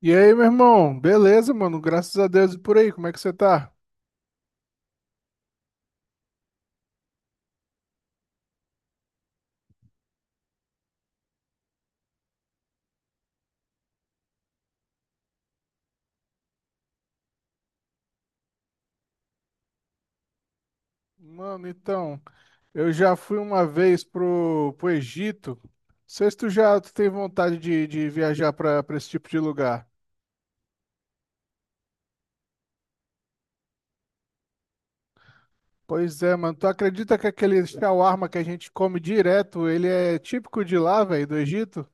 E aí, meu irmão? Beleza, mano? Graças a Deus e por aí, como é que você tá? Mano, então, eu já fui uma vez pro Egito. Não sei se tu tem vontade de viajar pra esse tipo de lugar. Pois é, mano. Tu acredita que aquele shawarma que a gente come direto, ele é típico de lá, velho, do Egito?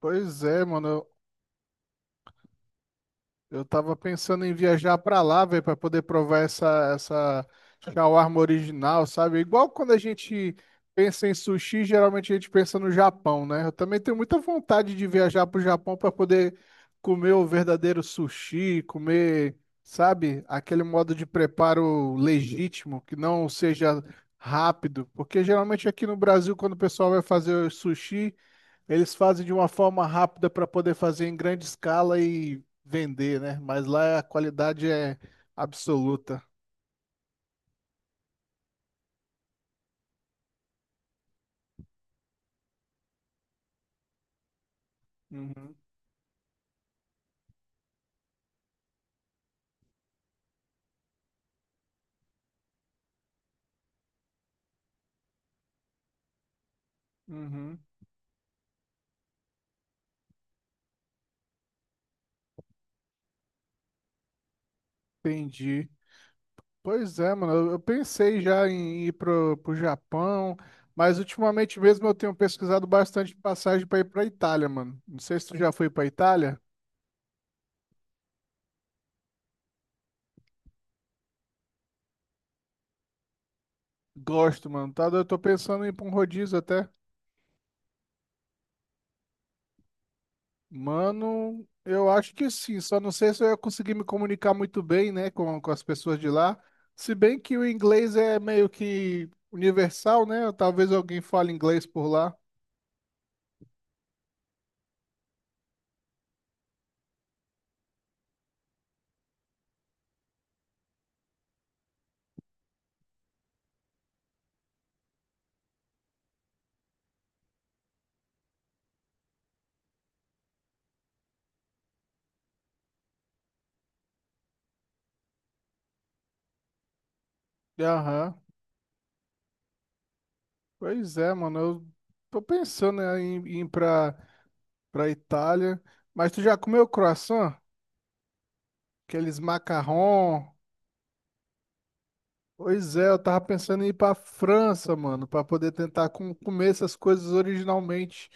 Pois é, mano. Eu tava pensando em viajar pra lá, velho, pra poder provar essa shawarma original, sabe? Igual quando a gente pensa em sushi, geralmente a gente pensa no Japão, né? Eu também tenho muita vontade de viajar pro Japão pra poder comer o verdadeiro sushi, comer, sabe, aquele modo de preparo legítimo, que não seja rápido, porque geralmente aqui no Brasil, quando o pessoal vai fazer sushi, eles fazem de uma forma rápida para poder fazer em grande escala e vender, né? Mas lá a qualidade é absoluta. Uhum, uhum, entendi. Pois é, mano. Eu pensei já em ir pro Japão, mas ultimamente mesmo eu tenho pesquisado bastante passagem para ir pra Itália, mano. Não sei se tu já foi pra Itália. Gosto, mano. Tá, eu tô pensando em ir pra um rodízio até. Mano, eu acho que sim, só não sei se eu ia conseguir me comunicar muito bem, né, com as pessoas de lá. Se bem que o inglês é meio que universal, né? Talvez alguém fale inglês por lá. Aham. Pois é, mano. Eu tô pensando né, em ir pra Itália. Mas tu já comeu croissant? Aqueles macarrão. Pois é, eu tava pensando em ir pra França, mano, pra poder tentar comer essas coisas originalmente.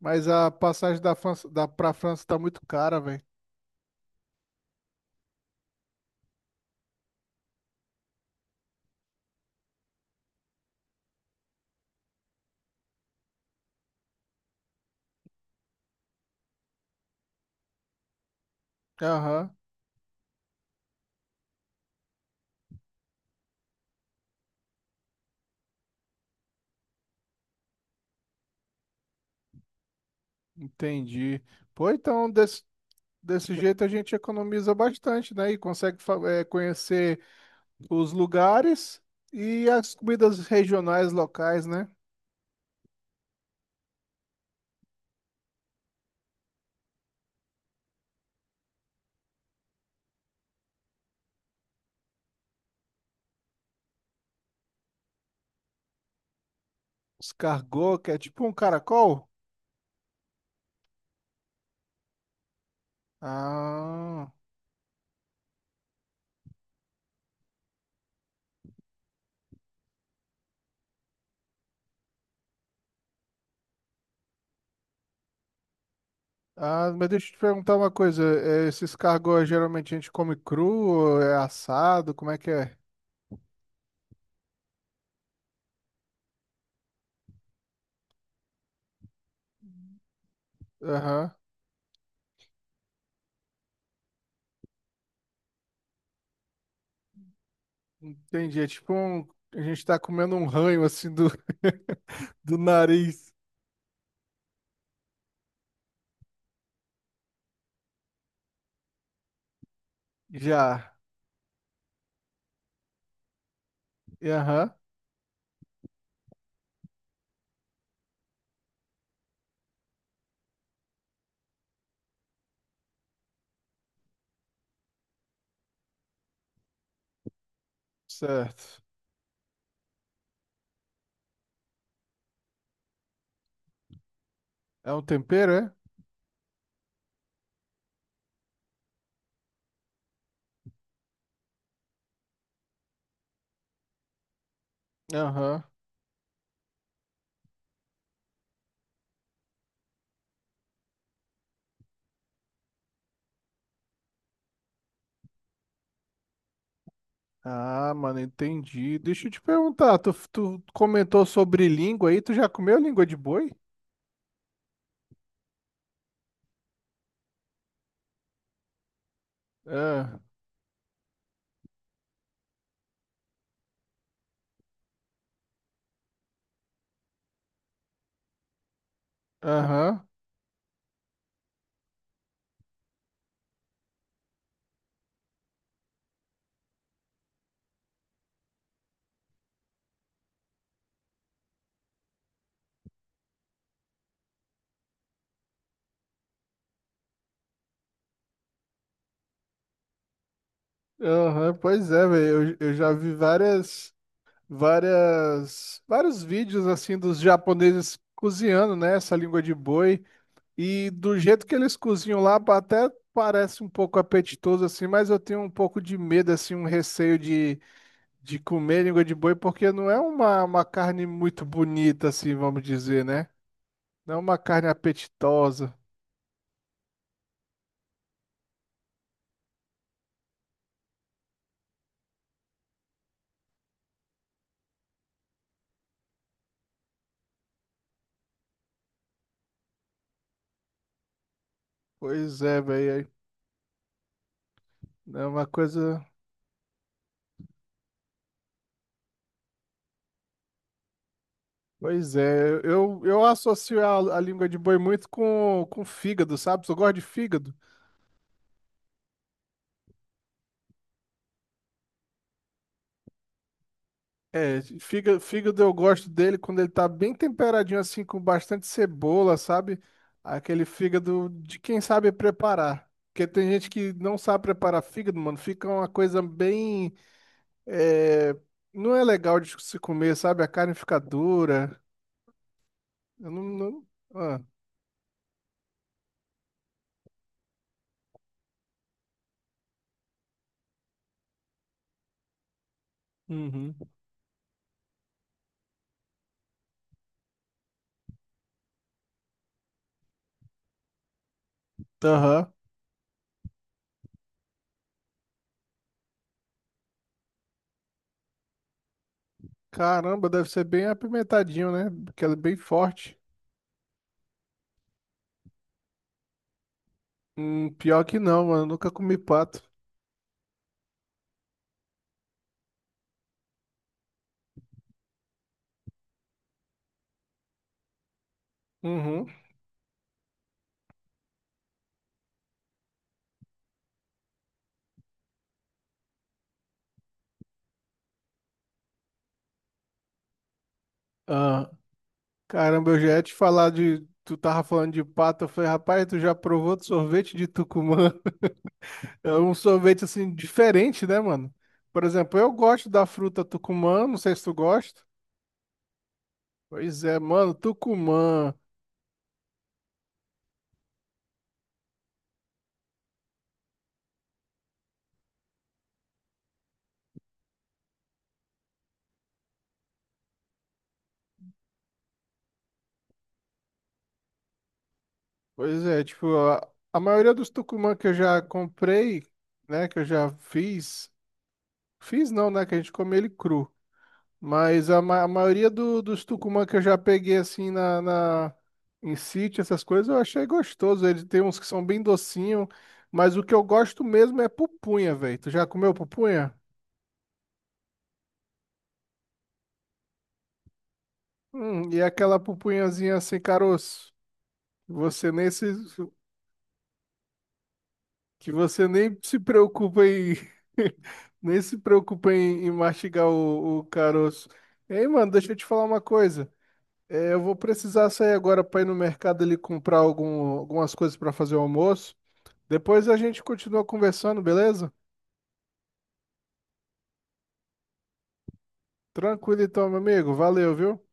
Mas a passagem da França, da, pra França tá muito cara, velho. Aham, entendi. Pô, então desse jeito a gente economiza bastante, né? E consegue conhecer os lugares e as comidas regionais locais, né? Escargot, que é tipo um caracol. Ah. Ah, mas deixa eu te perguntar uma coisa. Esses cargos geralmente a gente come cru, ou é assado, como é que é? Aham, entendi. É tipo um... a gente tá comendo um ranho assim do, do nariz. Já. E aham, certo. É um tempero, é? Aham. Ah, mano, entendi. Deixa eu te perguntar, tu comentou sobre língua aí, tu já comeu língua de boi? É. Aham. Aham, pois é, velho. Eu já vi várias. Várias vários vídeos assim dos japoneses cozinhando, né, essa língua de boi e do jeito que eles cozinham lá até parece um pouco apetitoso assim, mas eu tenho um pouco de medo assim, um receio de comer língua de boi porque não é uma carne muito bonita assim, vamos dizer, né? Não é uma carne apetitosa. Pois é, velho, é uma coisa. Pois é, eu associo a língua de boi muito com fígado, sabe? Eu gosto de fígado. É, fígado eu gosto dele quando ele tá bem temperadinho assim, com bastante cebola, sabe? Aquele fígado de quem sabe preparar. Porque tem gente que não sabe preparar fígado, mano. Fica uma coisa bem. É, não é legal de se comer, sabe? A carne fica dura. Eu não, não- Ah. Uhum. Aham. Caramba, deve ser bem apimentadinho, né? Porque ela é bem forte. Pior que não, mano. Nunca comi pato. Uhum. Ah. Caramba, eu já ia te falar de. Tu tava falando de pato, eu falei, rapaz, tu já provou de sorvete de Tucumã? É um sorvete assim diferente, né, mano? Por exemplo, eu gosto da fruta Tucumã, não sei se tu gosta. Pois é, mano, Tucumã. Pois é, tipo, a maioria dos Tucumã que eu já comprei, né, que eu já fiz, fiz não, né, que a gente come ele cru. Mas a, a maioria dos tucumã que eu já peguei assim na, em sítio, essas coisas, eu achei gostoso. Ele tem uns que são bem docinho, mas o que eu gosto mesmo é pupunha, velho. Tu já comeu pupunha? E aquela pupunhazinha sem caroço. Você nem se, que você nem se preocupa em nem se preocupa em mastigar o caroço. Ei, mano, deixa eu te falar uma coisa. É, eu vou precisar sair agora para ir no mercado ali comprar algumas coisas para fazer o almoço. Depois a gente continua conversando, beleza? Tranquilo então, meu amigo. Valeu, viu?